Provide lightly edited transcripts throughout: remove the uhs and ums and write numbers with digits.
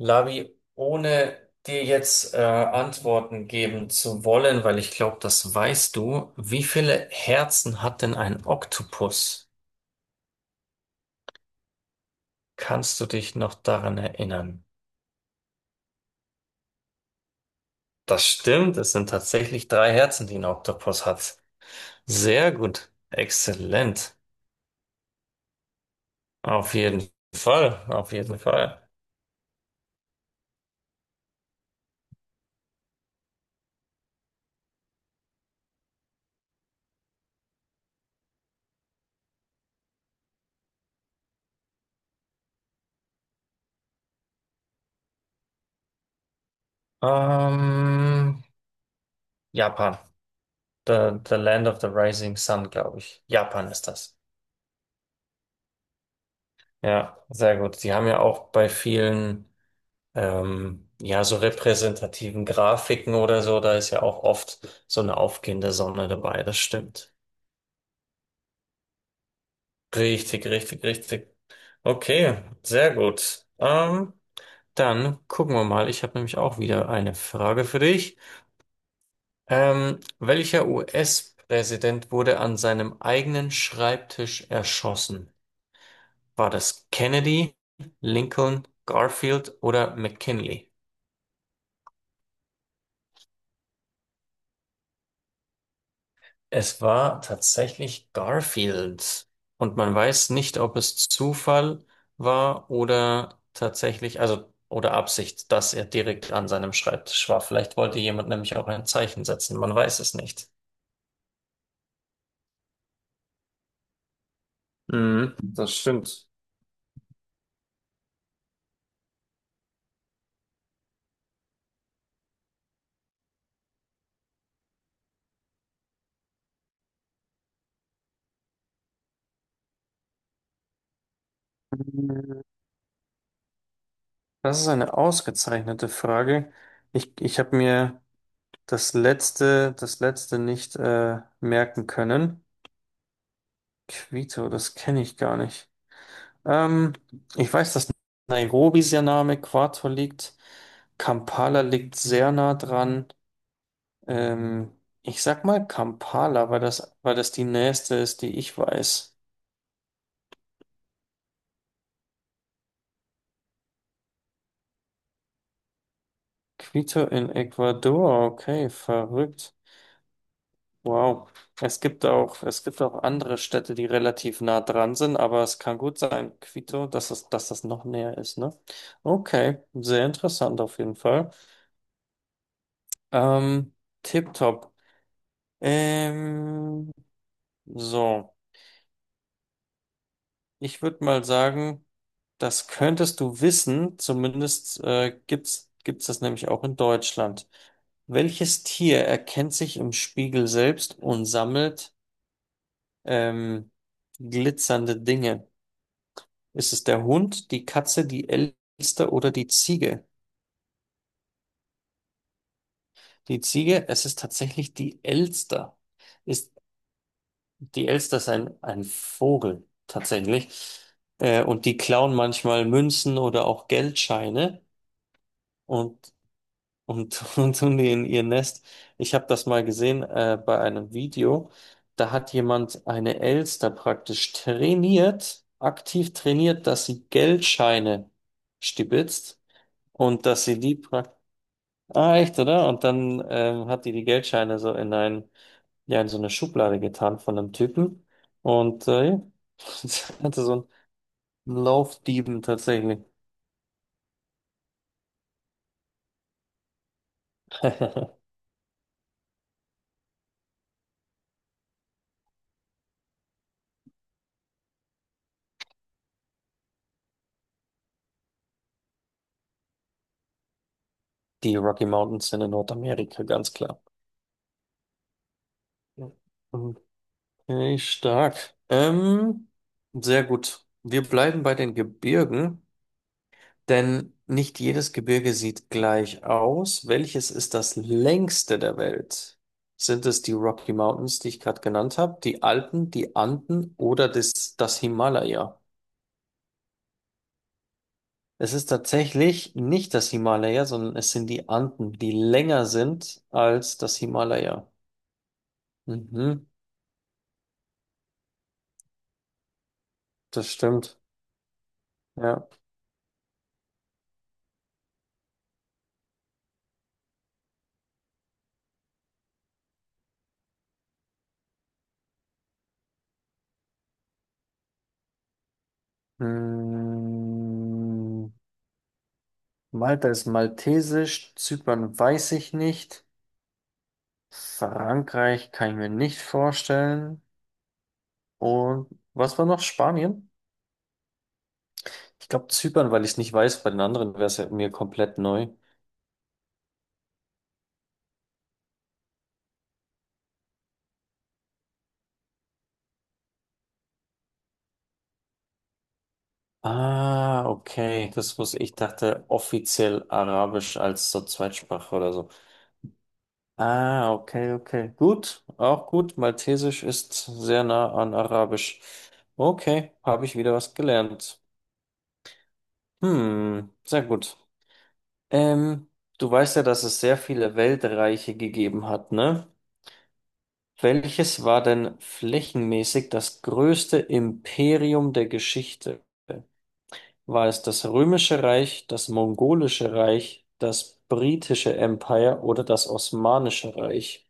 Labi, ohne dir jetzt Antworten geben zu wollen, weil ich glaube, das weißt du: Wie viele Herzen hat denn ein Oktopus? Kannst du dich noch daran erinnern? Das stimmt, es sind tatsächlich drei Herzen, die ein Oktopus hat. Sehr gut, exzellent. Auf jeden Fall, auf jeden Fall. Ähm, Japan, the Land of the Rising Sun, glaube ich. Japan ist das. Ja, sehr gut. Die haben ja auch bei vielen. Ja, so repräsentativen Grafiken oder so, da ist ja auch oft so eine aufgehende Sonne dabei, das stimmt. Richtig, richtig, richtig. Okay, sehr gut. Dann gucken wir mal. Ich habe nämlich auch wieder eine Frage für dich. Welcher US-Präsident wurde an seinem eigenen Schreibtisch erschossen? War das Kennedy, Lincoln, Garfield oder McKinley? Es war tatsächlich Garfield. Und man weiß nicht, ob es Zufall war oder tatsächlich, also, oder Absicht, dass er direkt an seinem Schreibtisch war. Vielleicht wollte jemand nämlich auch ein Zeichen setzen. Man weiß es nicht. Mhm, das stimmt. Das ist eine ausgezeichnete Frage. Ich habe mir das letzte nicht merken können. Quito, das kenne ich gar nicht. Ähm, Ich weiß, dass Nairobi sehr nah am Äquator liegt. Kampala liegt sehr nah dran. Ähm, Ich sag mal Kampala, weil das die nächste ist, die ich weiß. Quito in Ecuador, okay, verrückt. Wow. Es gibt auch andere Städte, die relativ nah dran sind, aber es kann gut sein, Quito, dass das noch näher ist, ne? Okay, sehr interessant auf jeden Fall. Ähm, Tipptopp. Ähm, So, ich würde mal sagen, das könntest du wissen, zumindest gibt's das nämlich auch in Deutschland. Welches Tier erkennt sich im Spiegel selbst und sammelt ähm, glitzernde Dinge? Ist es der Hund, die Katze, die Elster oder die Ziege? Die Ziege, es ist tatsächlich die Elster. Ist, die Elster ist ein Vogel tatsächlich. Und die klauen manchmal Münzen oder auch Geldscheine. Und und, und tun die in ihr Nest. Ich habe das mal gesehen bei einem Video. Da hat jemand eine Elster praktisch trainiert, aktiv trainiert, dass sie Geldscheine stibitzt und dass sie die praktisch. Ah, echt, oder? Und dann hat die die Geldscheine so in ein, ja, in so eine Schublade getan von einem Typen. Und ja, sie hatte so einen Laufdieben tatsächlich. Die Rocky Mountains sind in Nordamerika, ganz klar. Ja. Okay, stark. Sehr gut. Wir bleiben bei den Gebirgen, denn nicht jedes Gebirge sieht gleich aus. Welches ist das längste der Welt? Sind es die Rocky Mountains, die ich gerade genannt habe, die Alpen, die Anden oder das Himalaya? Es ist tatsächlich nicht das Himalaya, sondern es sind die Anden, die länger sind als das Himalaya. Mhm, das stimmt. Ja. Hm. Malta ist maltesisch, Zypern weiß ich nicht, Frankreich kann ich mir nicht vorstellen. Und was war noch? Spanien? Ich glaube Zypern, weil ich es nicht weiß, bei den anderen wäre es ja mir komplett neu. Ah, okay. Das muss, ich dachte offiziell Arabisch als so Zweitsprache oder so. Ah, okay, okay. Gut, auch gut. Maltesisch ist sehr nah an Arabisch. Okay, habe ich wieder was gelernt. Hm, sehr gut. Ähm, Du weißt ja, dass es sehr viele Weltreiche gegeben hat, ne? Welches war denn flächenmäßig das größte Imperium der Geschichte? War es das Römische Reich, das Mongolische Reich, das britische Empire oder das Osmanische Reich?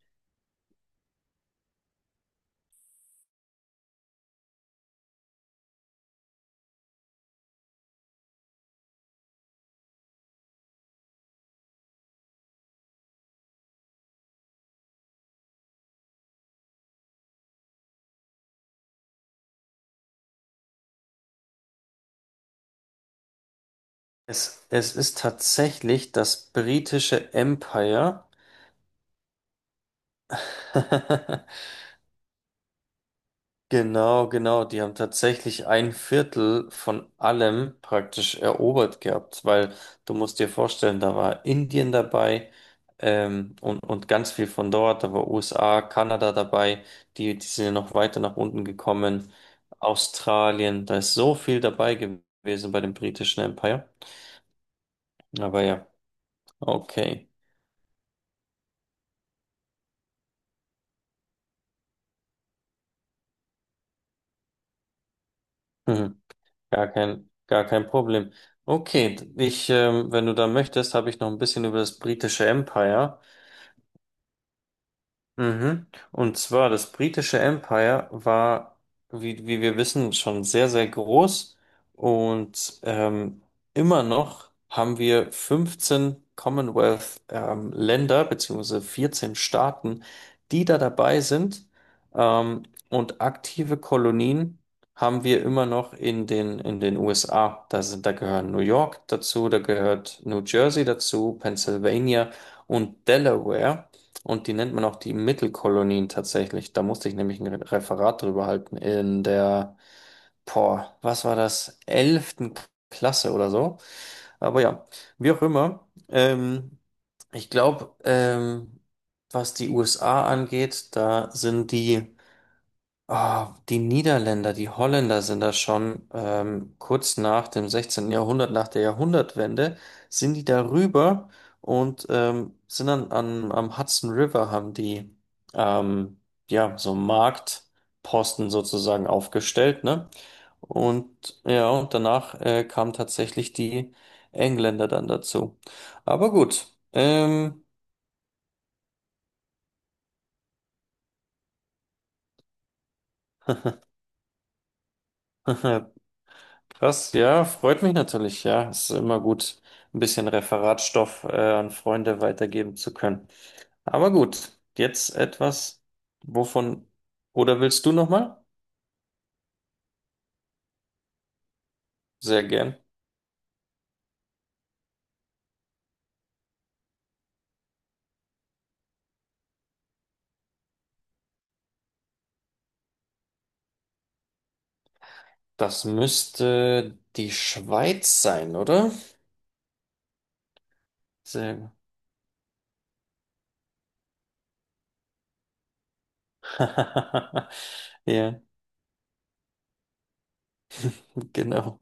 Es ist tatsächlich das britische Empire. Genau, genau. Die haben tatsächlich ein Viertel von allem praktisch erobert gehabt, weil du musst dir vorstellen, da war Indien dabei, und ganz viel von dort, da war USA, Kanada dabei, die, die sind ja noch weiter nach unten gekommen, Australien, da ist so viel dabei gewesen bei dem britischen Empire. Aber ja, okay. Mhm. Gar kein Problem. Okay, ich, wenn du da möchtest, habe ich noch ein bisschen über das britische Empire. Mhm. Und zwar das britische Empire war, wie wir wissen, schon sehr, sehr groß und immer noch haben wir 15 Commonwealth Länder beziehungsweise 14 Staaten, die da dabei sind ähm, und aktive Kolonien haben wir immer noch in den USA. Da sind, da gehören New York dazu, da gehört New Jersey dazu, Pennsylvania und Delaware. Und die nennt man auch die Mittelkolonien tatsächlich. Da musste ich nämlich ein Referat drüber halten in der, boah, was war das, elften Klasse oder so. Aber ja, wie auch immer. Ich glaube, was die USA angeht, da sind die. Ah, die Niederländer, die Holländer sind da schon kurz nach dem 16. Jahrhundert, nach der Jahrhundertwende, sind die darüber und sind dann an, am Hudson River, haben die ähm, ja so Marktposten sozusagen aufgestellt, ne? Und ja, und danach kamen tatsächlich die Engländer dann dazu. Aber gut, ähm, krass, ja, freut mich natürlich. Ja, ist immer gut, ein bisschen Referatstoff an Freunde weitergeben zu können. Aber gut, jetzt etwas, wovon, oder willst du nochmal? Sehr gern. Das müsste die Schweiz sein, oder? Sehr gut. Ja, genau.